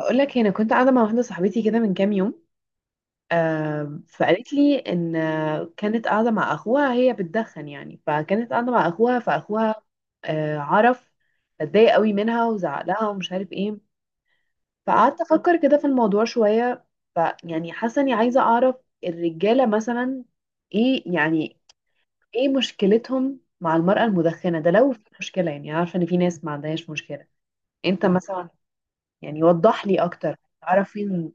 هقول لك، انا كنت قاعده مع واحده صاحبتي كده من كام يوم. فقالت لي ان كانت قاعده مع اخوها، هي بتدخن يعني. فكانت قاعده مع اخوها، فاخوها عرف، اتضايق قوي منها وزعق لها ومش عارف ايه. فقعدت افكر كده في الموضوع شويه. فيعني حاسه اني عايزه اعرف الرجاله مثلا ايه يعني، ايه مشكلتهم مع المراه المدخنه ده لو في مشكله. يعني أنا عارفه ان في ناس ما عندهاش مشكله، انت مثلا. يعني وضح لي اكتر، تعرف فين.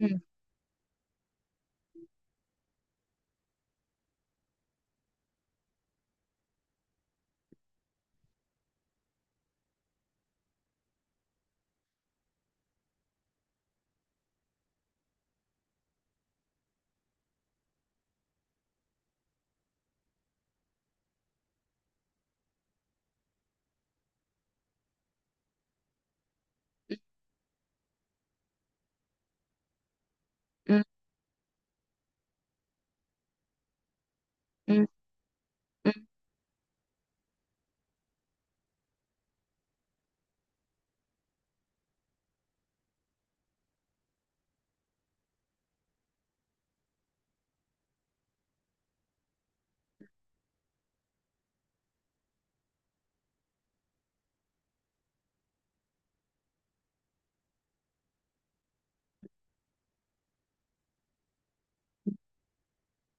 مم. مم. مم.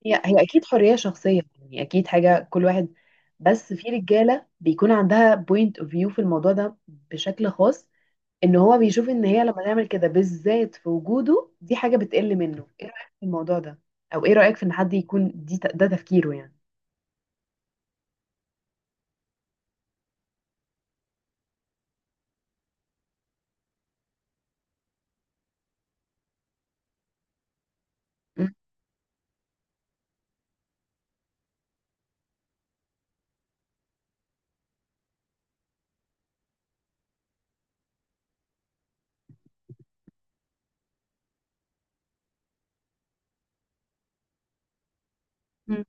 هي اكيد حريه شخصيه، يعني اكيد حاجه كل واحد. بس في رجاله بيكون عندها بوينت اوف فيو في الموضوع ده بشكل خاص، ان هو بيشوف ان هي لما تعمل كده بالذات في وجوده دي حاجه بتقل منه. ايه رايك في الموضوع ده؟ او ايه رايك في ان حد يكون دي ده تفكيره يعني؟ مم. مم.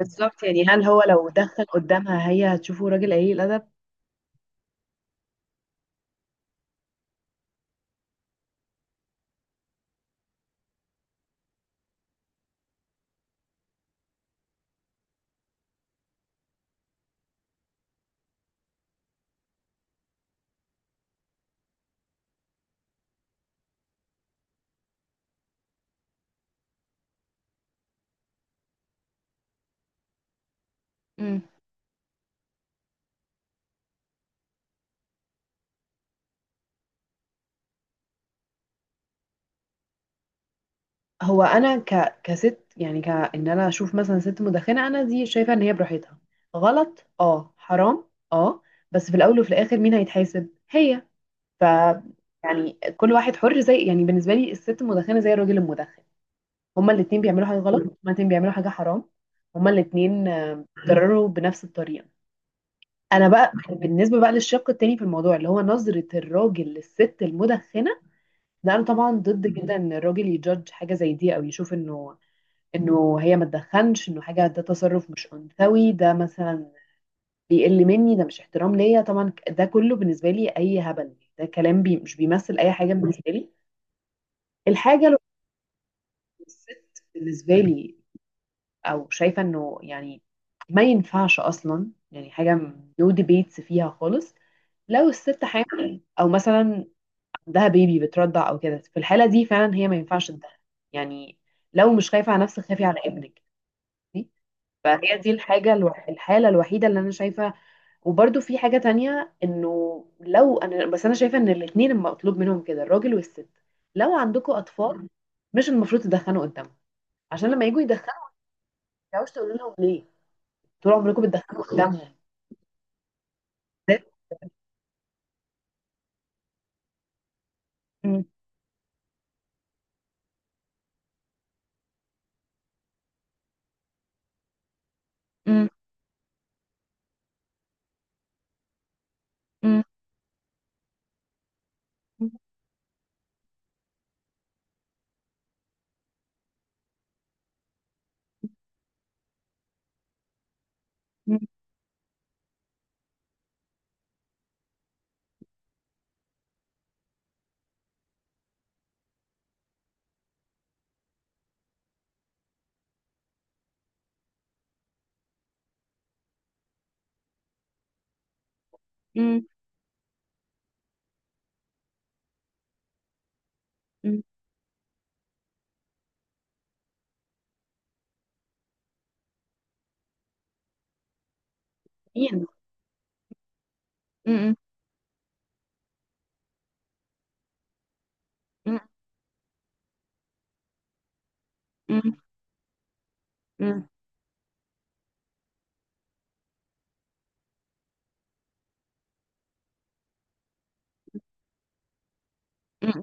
بالظبط. يعني هل هو لو دخل قدامها هي هتشوفه راجل قليل الادب؟ مم. هو انا كست يعني كان، انا اشوف مثلا ست مدخنه، انا دي شايفه ان هي براحتها غلط، اه حرام. اه. بس في الاول وفي الاخر مين هيتحاسب؟ هي. ف يعني كل واحد حر. زي يعني بالنسبه لي الست المدخنه زي الراجل المدخن، هما الاتنين بيعملوا حاجه غلط، هما الاتنين بيعملوا حاجه حرام، هما الاتنين اتضرروا بنفس الطريقه. انا بقى بالنسبه بقى للشق التاني في الموضوع اللي هو نظره الراجل للست المدخنه، لا انا طبعا ضد جدا ان الراجل يجادج حاجه زي دي، او يشوف انه هي ما تدخنش، انه حاجه، ده تصرف مش انثوي، ده مثلا بيقل مني، ده مش احترام ليا. طبعا ده كله بالنسبه لي اي هبل، ده كلام بي مش بيمثل اي حاجه بالنسبه لي. الحاجه، لو الست بالنسبه لي او شايفه انه يعني ما ينفعش اصلا، يعني حاجه نو ديبيتس فيها خالص. لو الست حامل او مثلا عندها بيبي بترضع او كده، في الحاله دي فعلا هي ما ينفعش تدخن. يعني لو مش خايفه على نفسك، خافي على ابنك. فهي دي الحالة الوحيدة اللي أنا شايفة. وبرده في حاجة تانية، إنه لو أنا، بس أنا شايفة إن الاتنين المطلوب منهم كده، الراجل والست، لو عندكم أطفال مش المفروض تدخنوا قدامهم، عشان لما يجوا يدخنوا ما تعرفوش تقولوا لهم ليه، طول عمركم بتدخنوا قدامهم. مم. مم. مم. مم. مم. مم. مين؟ مم. مم. مم. مم. مم.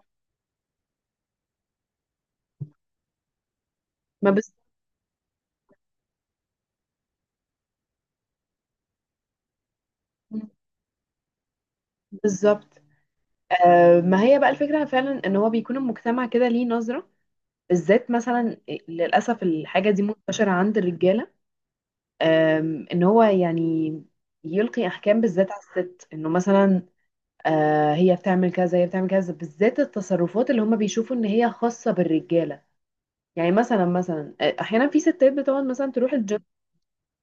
ما بز... مم. بالظبط. آه، ما هي بقى الفكرة فعلا إن هو بيكون المجتمع كده ليه نظرة، بالذات مثلا للأسف الحاجة دي منتشرة عند الرجالة. إن هو يعني يلقي أحكام بالذات على الست، إنه مثلا هي بتعمل كذا، هي بتعمل كذا، بالذات التصرفات اللي هم بيشوفوا إن هي خاصة بالرجالة. يعني مثلا مثلا أحيانا في ستات بتقعد مثلا تروح الجيم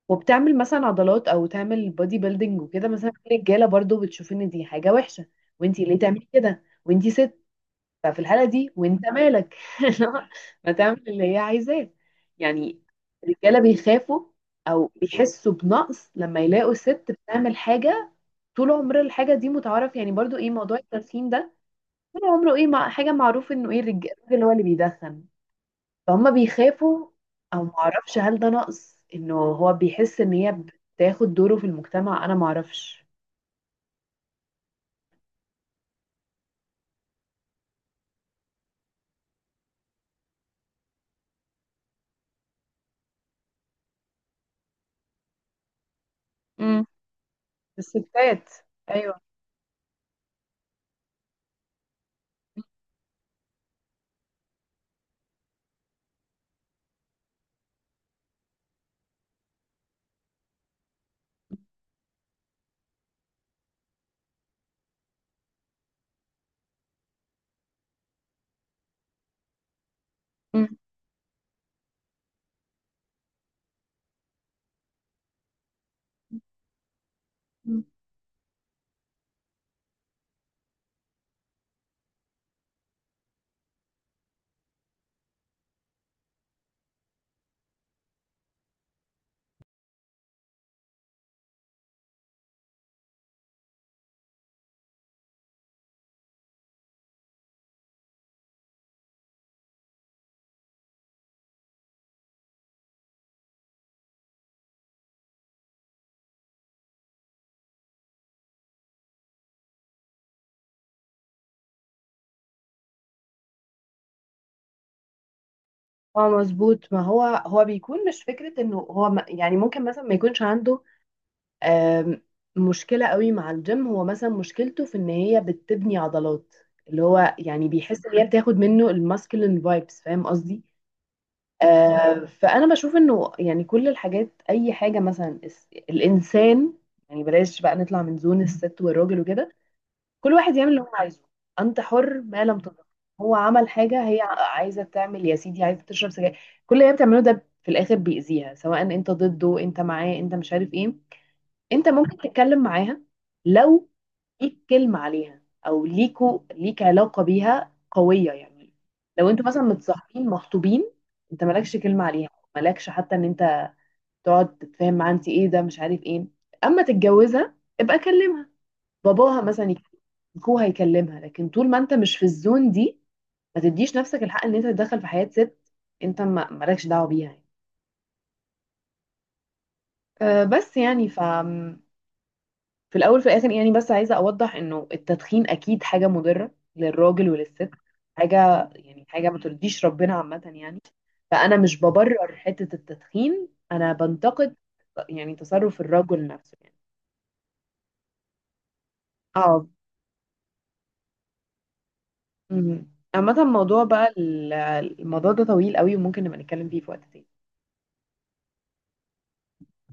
وبتعمل مثلا عضلات أو تعمل بودي بيلدينج وكده، مثلا في رجالة برضو بتشوف إن دي حاجة وحشة، وإنتي ليه تعملي كده وإنتي ست. ففي الحالة دي وانت مالك ما تعمل اللي هي عايزاه يعني. الرجالة بيخافوا او بيحسوا بنقص لما يلاقوا ست بتعمل حاجة. طول عمر الحاجة دي متعارف، يعني برضو ايه موضوع التدخين ده طول عمره ايه مع حاجة، معروف انه ايه الراجل هو اللي بيدخن. فهم بيخافوا، او معرفش هل ده نقص انه هو بيحس ان هي بتاخد دوره في المجتمع. انا معرفش. امم. الستات. ايوه. مم. اه مظبوط. ما هو بيكون مش فكرة انه هو يعني ممكن مثلا ما يكونش عنده آم، مشكلة قوي مع الجيم. هو مثلا مشكلته في ان هي بتبني عضلات، اللي هو يعني بيحس ان هي بتاخد منه الماسكلين فايبس، فاهم قصدي؟ فانا بشوف انه يعني كل الحاجات، اي حاجة مثلا الانسان، يعني بلاش بقى نطلع من زون الست والراجل وكده، كل واحد يعمل اللي هو عايزه. انت حر ما لم تضر. هو عمل حاجه، هي عايزه تعمل، يا سيدي، عايزه تشرب سجاير. كل اللي هي بتعمله ده في الاخر بيأذيها، سواء انت ضده انت معاه انت مش عارف ايه. انت ممكن تتكلم معاها لو ليك كلمه عليها، او ليكو، ليك علاقه بيها قويه يعني. لو انتوا مثلا متصاحبين مخطوبين، انت مالكش كلمه عليها، مالكش حتى ان انت تقعد تتفاهم معاها، انت ايه ده مش عارف ايه. اما تتجوزها ابقى كلمها. باباها مثلا هو هيكلمها، لكن طول ما انت مش في الزون دي، ما تديش نفسك الحق ان انت تتدخل في حياة ست. انت ما مالكش دعوة بيها يعني. أه، بس يعني في الاول في الاخر يعني، بس عايزة اوضح انه التدخين اكيد حاجة مضرة للراجل وللست، حاجة يعني حاجة ما ترضيش ربنا عامة يعني. فانا مش ببرر حتة التدخين، انا بنتقد يعني تصرف الرجل نفسه يعني. اه مهم. عامة الموضوع بقى الموضوع ده طويل قوي، وممكن نبقى نتكلم فيه في وقت تاني.